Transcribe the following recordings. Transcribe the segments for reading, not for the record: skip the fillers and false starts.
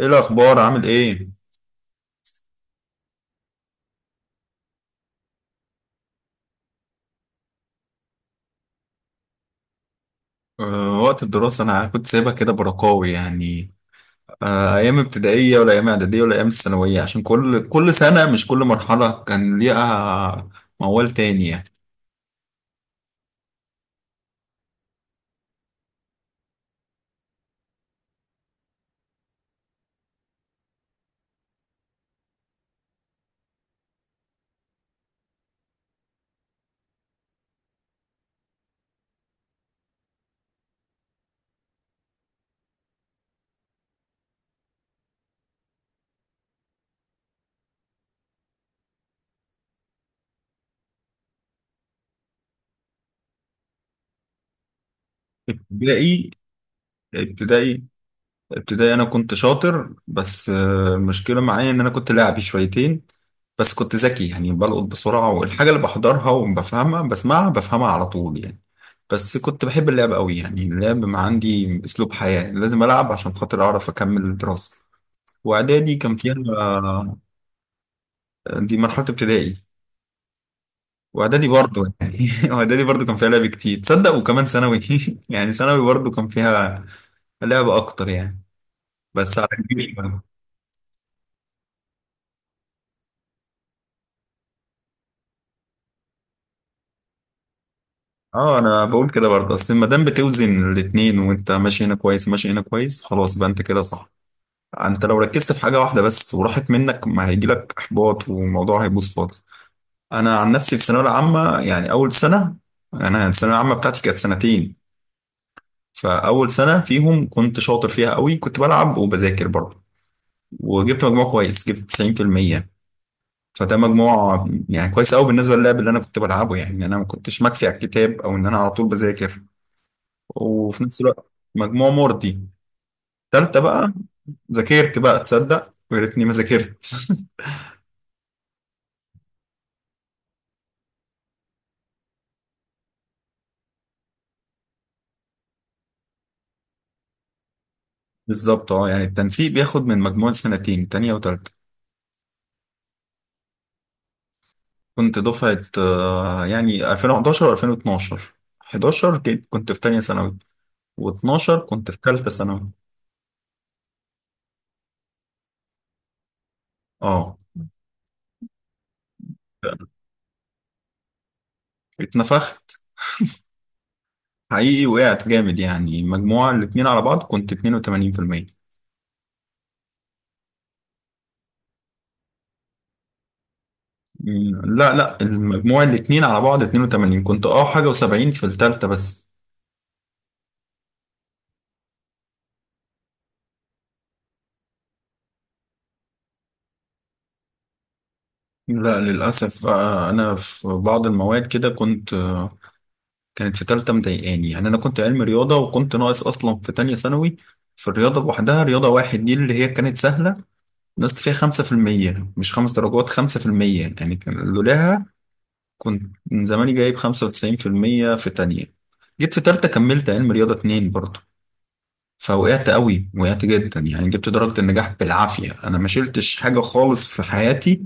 ايه الاخبار؟ عامل ايه؟ أه، وقت الدراسه انا كنت سايبها كده برقاوي يعني. أه، ايام ابتدائيه ولا ايام اعداديه ولا ايام الثانويه؟ عشان كل سنه، مش كل مرحله كان ليها موال تاني يعني. ابتدائي ابتدائي ابتدائي، انا كنت شاطر بس المشكله معايا ان انا كنت لاعبي شويتين. بس كنت ذكي، يعني بلقط بسرعه، والحاجه اللي بحضرها وبفهمها بسمعها بفهمها على طول يعني. بس كنت بحب اللعب قوي، يعني اللعب ما عندي اسلوب حياه، لازم العب عشان خاطر اعرف اكمل الدراسه. واعدادي كان فيها آه، دي مرحله ابتدائي. واعدادي برضه يعني واعدادي برضه كان فيها لعب كتير، تصدق؟ وكمان ثانوي. يعني ثانوي برضه كان فيها لعب اكتر يعني، بس على كبير. اه، انا بقول كده برضه، اصل ما دام بتوزن الاتنين وانت ماشي هنا كويس ماشي هنا كويس، خلاص بقى انت كده صح. انت لو ركزت في حاجه واحده بس وراحت منك، ما هيجيلك احباط والموضوع هيبوظ خالص. انا عن نفسي في الثانويه العامه، يعني اول سنه، يعني انا الثانويه العامه بتاعتي كانت سنتين، فاول سنه فيهم كنت شاطر فيها قوي، كنت بلعب وبذاكر برضه، وجبت مجموع كويس، جبت 90%. فده مجموع يعني كويس قوي بالنسبه للعب اللي انا كنت بلعبه، يعني انا ما كنتش مكفي على الكتاب او ان انا على طول بذاكر وفي نفس الوقت مجموع مرضي. تالتة بقى ذاكرت بقى، تصدق؟ ويا ريتني ما ذاكرت. بالظبط، اه، يعني التنسيق بياخد من مجموع السنتين، تانية وتالتة. كنت دفعة يعني 2011 و2012. 11 كنت في تانية ثانوي، و12 كنت في تالتة ثانوي. اه، اتنفخت حقيقي، وقعت جامد، يعني مجموع الاتنين على بعض كنت 82%. مم، لا لا، المجموع الاتنين على بعض 82، كنت اه حاجة و70 في التالتة بس. لا، للأسف بقى أنا في بعض المواد كده كنت، كانت في تالتة مضايقاني يعني. أنا كنت علمي رياضة وكنت ناقص أصلا في تانية ثانوي في الرياضة لوحدها، رياضة واحد دي اللي هي كانت سهلة، نقصت فيها 5%، مش 5 درجات، 5% يعني. كان لولاها كنت من زماني جايب 95% في تانية. جيت في تالتة كملت علم رياضة اتنين برضه، فوقعت قوي، وقعت جدا، يعني جبت درجة النجاح بالعافية. أنا ما شلتش حاجة خالص في حياتي،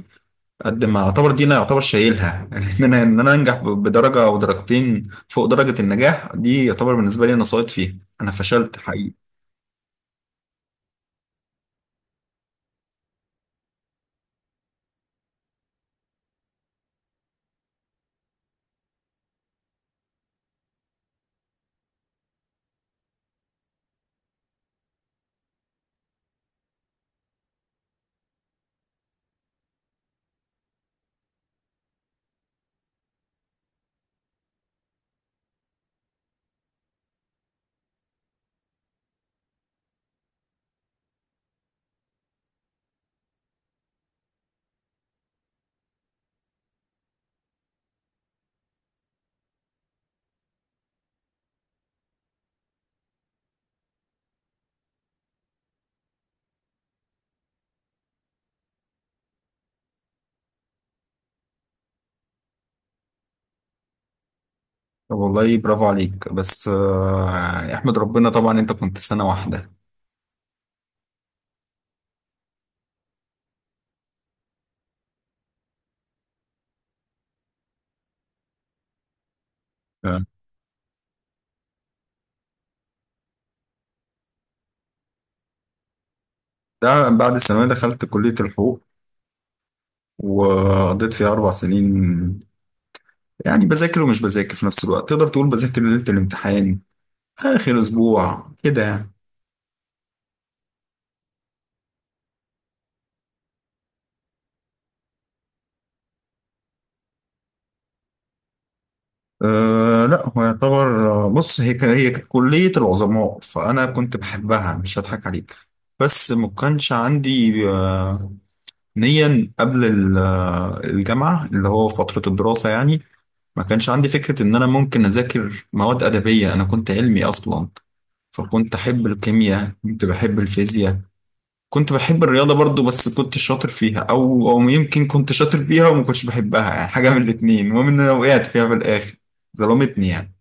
قد ما اعتبر دي انا يعتبر شايلها. يعني ان انا انجح بدرجه او درجتين فوق درجه النجاح، دي يعتبر بالنسبه لي انا ساقط فيها. انا فشلت حقيقي. طب والله برافو عليك، بس يعني احمد ربنا طبعا انت كنت سنه واحده. تمام. ده بعد الثانويه دخلت كليه الحقوق وقضيت فيها 4 سنين، يعني بذاكر ومش بذاكر في نفس الوقت، تقدر تقول بذاكر ليله الامتحان، اخر اسبوع كده يعني. أه لا، هو يعتبر بص، هي هي كانت كلية العظماء، فأنا كنت بحبها، مش هضحك عليك. بس ما كانش عندي نيا قبل الجامعة، اللي هو فترة الدراسة يعني. ما كانش عندي فكرة إن أنا ممكن أذاكر مواد أدبية، أنا كنت علمي أصلا. فكنت أحب الكيمياء، كنت بحب الفيزياء، كنت بحب الرياضة برضو، بس كنت شاطر فيها، أو يمكن كنت شاطر فيها وما كنتش بحبها، يعني حاجة من الاتنين، المهم إن أنا وقعت فيها في الآخر، ظلمتني يعني.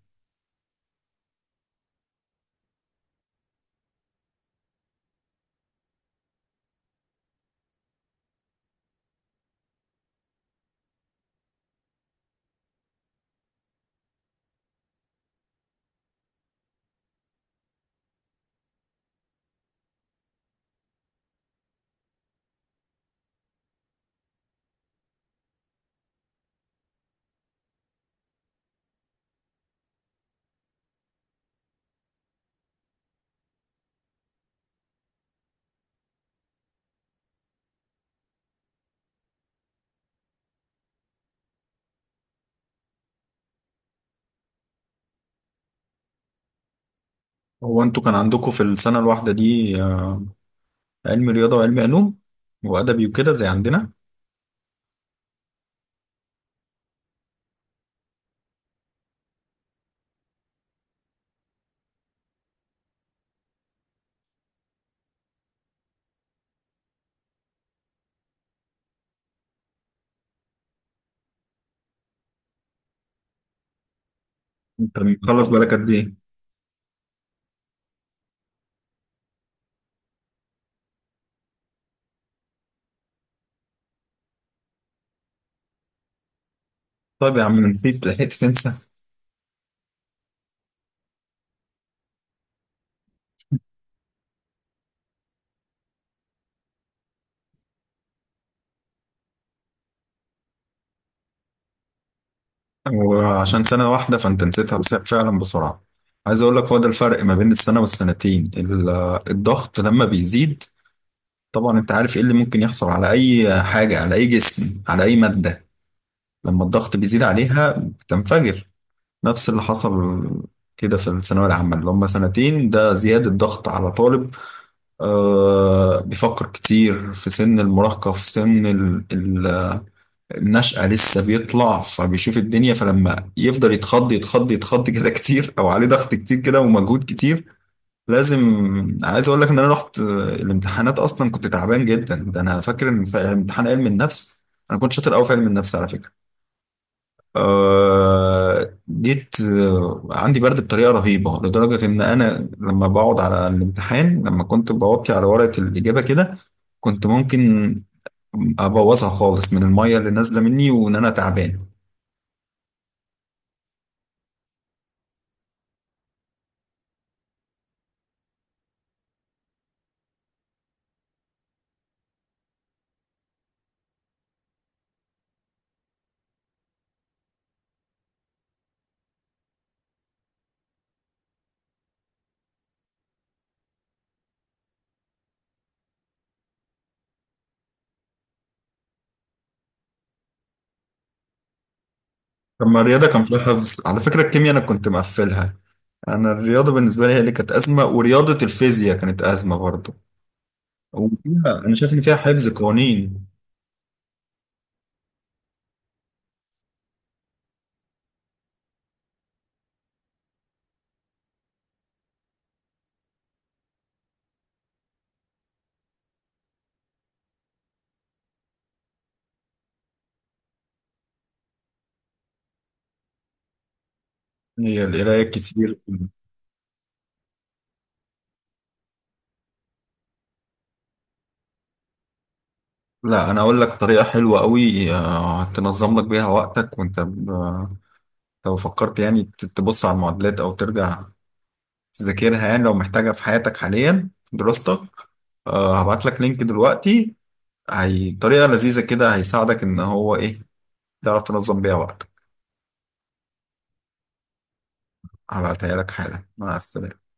هو انتوا كان عندكم في السنة الواحدة دي علم رياضة وعلم علوم وأدبي وكده زي عندنا؟ انت مخلص بالك قد ايه؟ طيب يا عم، نسيت لحقت تنسى. وعشان سنة واحدة فانت نسيتها بس فعلا بسرعة. عايز اقول لك، هو ده الفرق ما بين السنة والسنتين، الضغط لما بيزيد. طبعا انت عارف ايه اللي ممكن يحصل على اي حاجة، على اي جسم، على اي مادة، لما الضغط بيزيد عليها بتنفجر. نفس اللي حصل كده في الثانوية العامة اللي هم سنتين، ده زيادة ضغط على طالب بيفكر كتير، في سن المراهقة، في سن النشأة، لسه بيطلع فبيشوف الدنيا. فلما يفضل يتخض يتخض يتخض كده كتير، أو عليه ضغط كتير كده ومجهود كتير، لازم. عايز أقول لك إن أنا رحت الامتحانات أصلا كنت تعبان جدا. ده أنا فاكر إن في امتحان علم النفس، أنا كنت شاطر أوي في علم النفس على فكرة، جيت عندي برد بطريقه رهيبه، لدرجه ان انا لما بقعد على الامتحان، لما كنت بوطي على ورقه الاجابه كده، كنت ممكن ابوظها خالص من الميه اللي نازله مني وان انا تعبان. لما الرياضه كان فيها حفظ على فكره، الكيمياء انا كنت مقفلها. انا الرياضه بالنسبه لي هي اللي كانت ازمه، ورياضه الفيزياء كانت ازمه برضه، وفيها انا شايف ان فيها حفظ قوانين، هي القرايه كتير. لا، انا اقول لك طريقه حلوه قوي تنظم لك بيها وقتك. وانت لو فكرت يعني تبص على المعادلات او ترجع تذاكرها، يعني لو محتاجها في حياتك حاليا في دراستك، هبعت لك لينك دلوقتي. هي طريقه لذيذه كده، هيساعدك ان هو ايه، تعرف تنظم بيها وقتك. هبعتها لك حالا. مع السلامه.